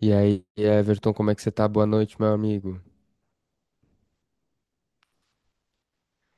E aí, Everton, como é que você tá? Boa noite, meu amigo.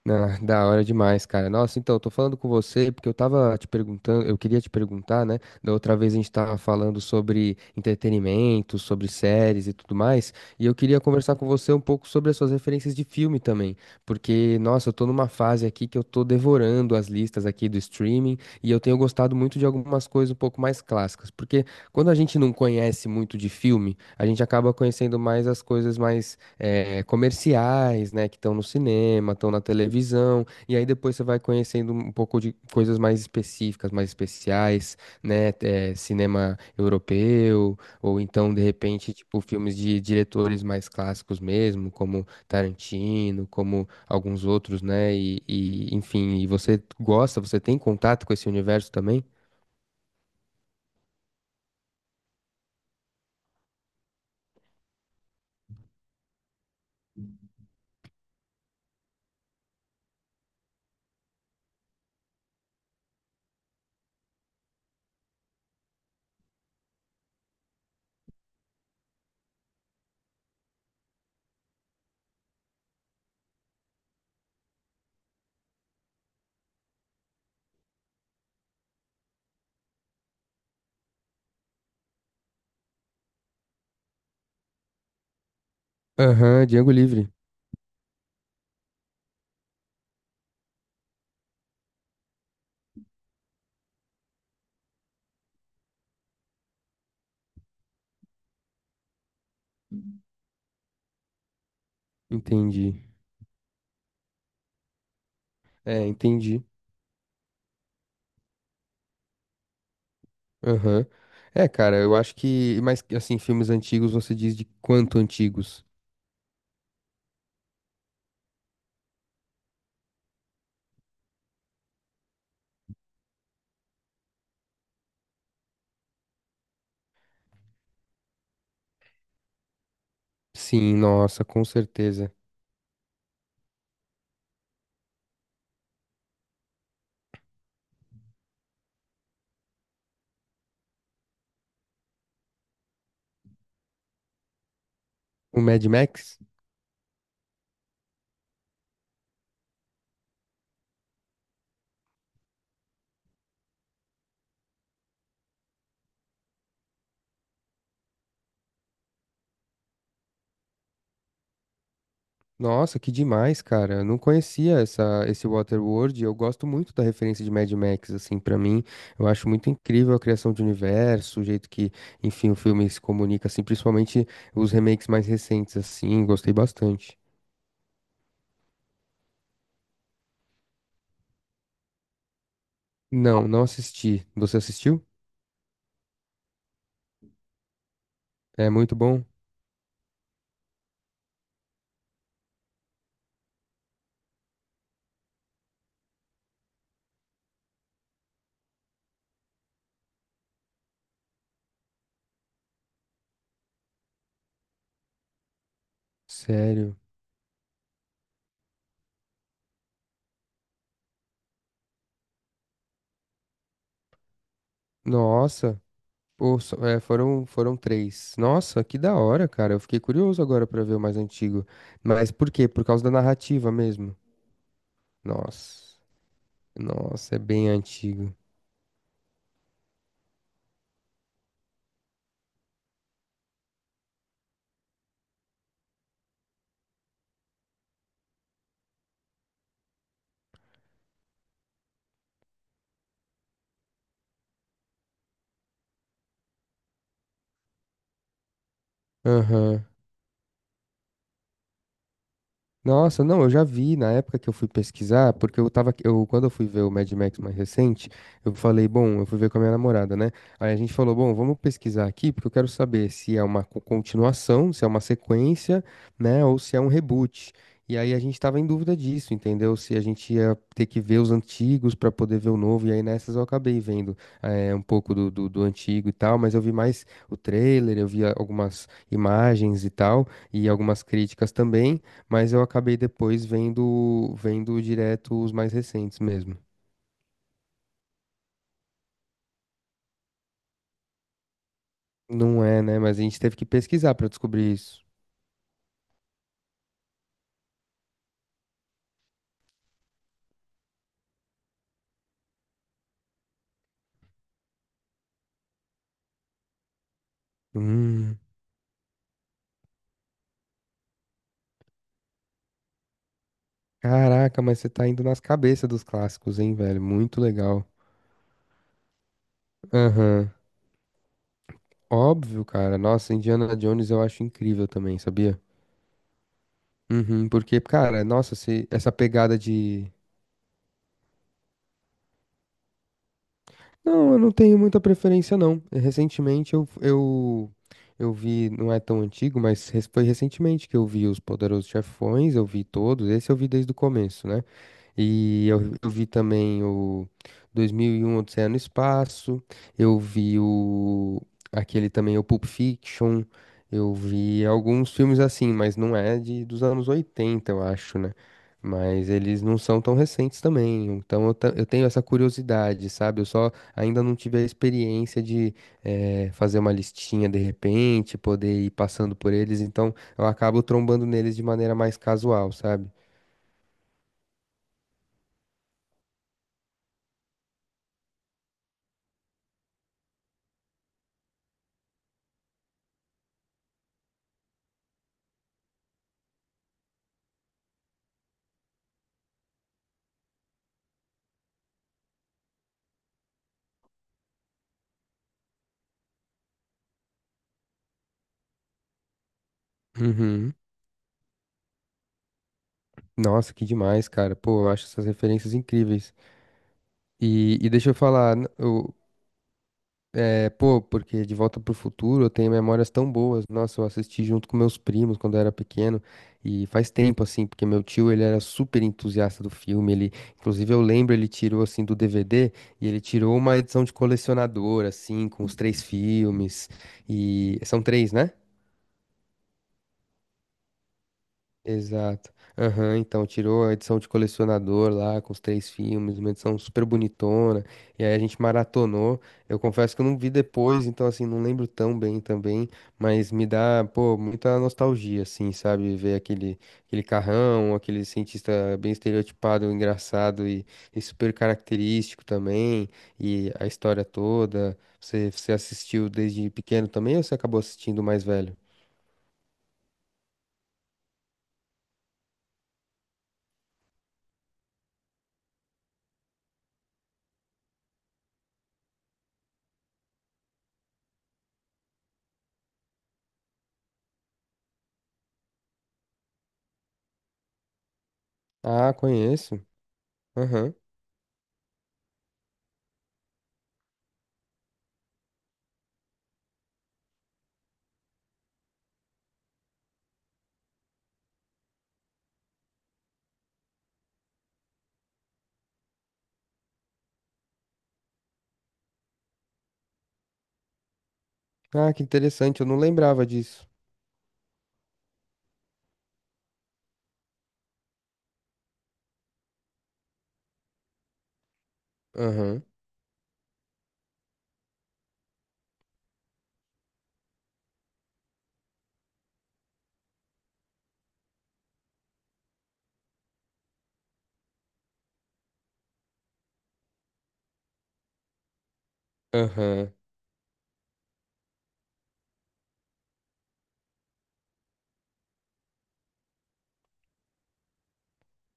Ah, da hora demais, cara. Nossa, então, eu tô falando com você porque eu queria te perguntar, né? Da outra vez a gente tava falando sobre entretenimento, sobre séries e tudo mais, e eu queria conversar com você um pouco sobre as suas referências de filme também, porque, nossa, eu tô numa fase aqui que eu tô devorando as listas aqui do streaming e eu tenho gostado muito de algumas coisas um pouco mais clássicas, porque quando a gente não conhece muito de filme, a gente acaba conhecendo mais as coisas mais comerciais, né, que estão no cinema, estão na televisão, e aí depois você vai conhecendo um pouco de coisas mais específicas, mais especiais, né, cinema europeu, ou então, de repente, tipo, filmes de diretores mais clássicos mesmo, como Tarantino, como alguns outros, né, e enfim, e você gosta, você tem contato com esse universo também? Aham, Django Livre. Entendi. É, entendi. Aham. É, cara, eu acho que. Mas, assim, filmes antigos, você diz de quanto antigos? Sim, nossa, com certeza. O Mad Max? Nossa, que demais, cara. Eu não conhecia esse Waterworld. Eu gosto muito da referência de Mad Max, assim, pra mim. Eu acho muito incrível a criação de universo, o jeito que, enfim, o filme se comunica, assim, principalmente os remakes mais recentes, assim. Gostei bastante. Não, não assisti. Você assistiu? É muito bom? Sério. Nossa. Pô, só- é, foram, foram três. Nossa, que da hora, cara. Eu fiquei curioso agora pra ver o mais antigo. Mas por quê? Por causa da narrativa mesmo. Nossa, nossa, é bem antigo. Aham. Nossa, não, eu já vi na época que eu fui pesquisar, porque eu tava, eu, quando eu fui ver o Mad Max mais recente, eu falei, bom, eu fui ver com a minha namorada, né? Aí a gente falou, bom, vamos pesquisar aqui, porque eu quero saber se é uma co- continuação, se é uma sequência, né, ou se é um reboot. E aí a gente tava em dúvida disso, entendeu? Se a gente ia ter que ver os antigos pra poder ver o novo, e aí nessas eu acabei vendo um pouco do antigo e tal, mas eu vi mais o trailer, eu vi a- algumas imagens e tal, e algumas críticas também. Mas eu acabei depois vendo direto os mais recentes mesmo. Não é, né? Mas a gente teve que pesquisar pra descobrir isso. Hum. Caraca, mas você tá indo nas cabeças dos clássicos, hein, velho? Muito legal. Aham. Óbvio, cara. Nossa, Indiana Jones eu acho incrível também, sabia? Uhum, porque, cara, nossa, se, essa pegada de. Não, eu não tenho muita preferência, não. Recentemente eu vi, não é tão antigo, mas res- foi recentemente que eu vi Os Poderosos Chefões, eu vi todos, esse eu vi desde o começo, né? E eu vi também o 2001 Odisseia no Espaço, eu vi o aquele também o Pulp Fiction, eu vi alguns filmes assim, mas não é de dos anos 80 eu acho, né? Mas eles não são tão recentes também, então eu, ta- eu tenho essa curiosidade, sabe? Eu só ainda não tive a experiência de fazer uma listinha de repente, poder ir passando por eles, então eu acabo trombando neles de maneira mais casual, sabe? Uhum. Nossa, que demais, cara. Pô, eu acho essas referências incríveis. E deixa eu falar, n- eu, é, Pô, porque De Volta pro Futuro eu tenho memórias tão boas. Nossa, eu assisti junto com meus primos quando eu era pequeno. E faz tempo, assim, porque meu tio, ele era super entusiasta do filme. Ele, inclusive, eu lembro, ele tirou, assim, do DVD e ele tirou uma edição de colecionador, assim, com os 3 filmes. E são 3, né? Exato. Aham, então tirou a edição de colecionador lá com os 3 filmes, uma edição super bonitona. E aí a gente maratonou. Eu confesso que eu não vi depois, então assim, não lembro tão bem também, mas me dá, pô, muita nostalgia assim, sabe, ver aquele carrão, aquele cientista bem estereotipado, engraçado e super característico também, e a história toda. Você assistiu desde pequeno também ou você acabou assistindo mais velho? Ah, conheço. Aham. Ah, que interessante, eu não lembrava disso. Aham, aham.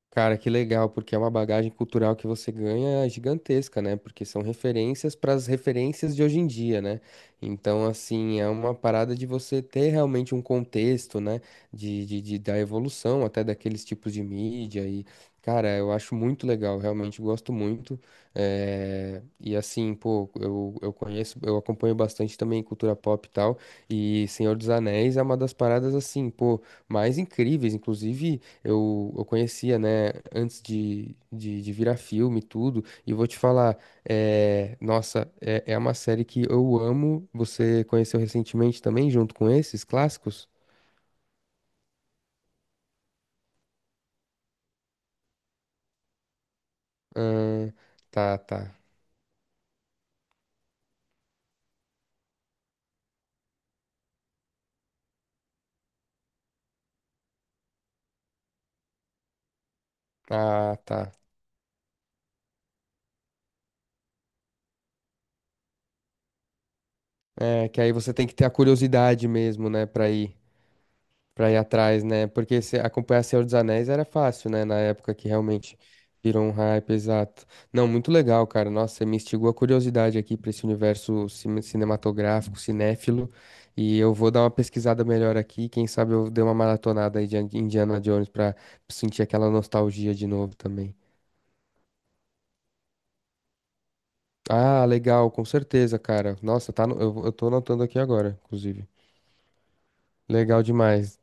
Cara, que legal, porque é uma bagagem cultural que você ganha gigantesca, né? Porque são referências para as referências de hoje em dia, né? Então, assim, é uma parada de você ter realmente um contexto, né? Da evolução até daqueles tipos de mídia. E, cara, eu acho muito legal, realmente gosto muito. E, assim, pô, eu conheço, eu acompanho bastante também cultura pop e tal. E Senhor dos Anéis é uma das paradas, assim, pô, mais incríveis, inclusive eu conhecia, né, antes de virar filme e tudo. E vou te falar, é, nossa, é uma série que eu amo. Você conheceu recentemente também, junto com esses clássicos? Ahn, tá, tá. Ah, tá. É, que aí você tem que ter a curiosidade mesmo, né, pra ir. Pra ir atrás, né? Porque se acompanhar Senhor dos Anéis era fácil, né? Na época que realmente virou um hype, exato. Não, muito legal, cara. Nossa, você me instigou a curiosidade aqui pra esse universo cine- cinematográfico, cinéfilo. E eu vou dar uma pesquisada melhor aqui. Quem sabe eu dei uma maratonada aí de Indiana Jones pra sentir aquela nostalgia de novo também. Ah, legal, com certeza, cara. Nossa, tá no- eu, vou- eu tô anotando aqui agora, inclusive. Legal demais.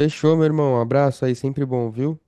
Fechou, meu irmão. Um abraço aí, sempre bom, viu?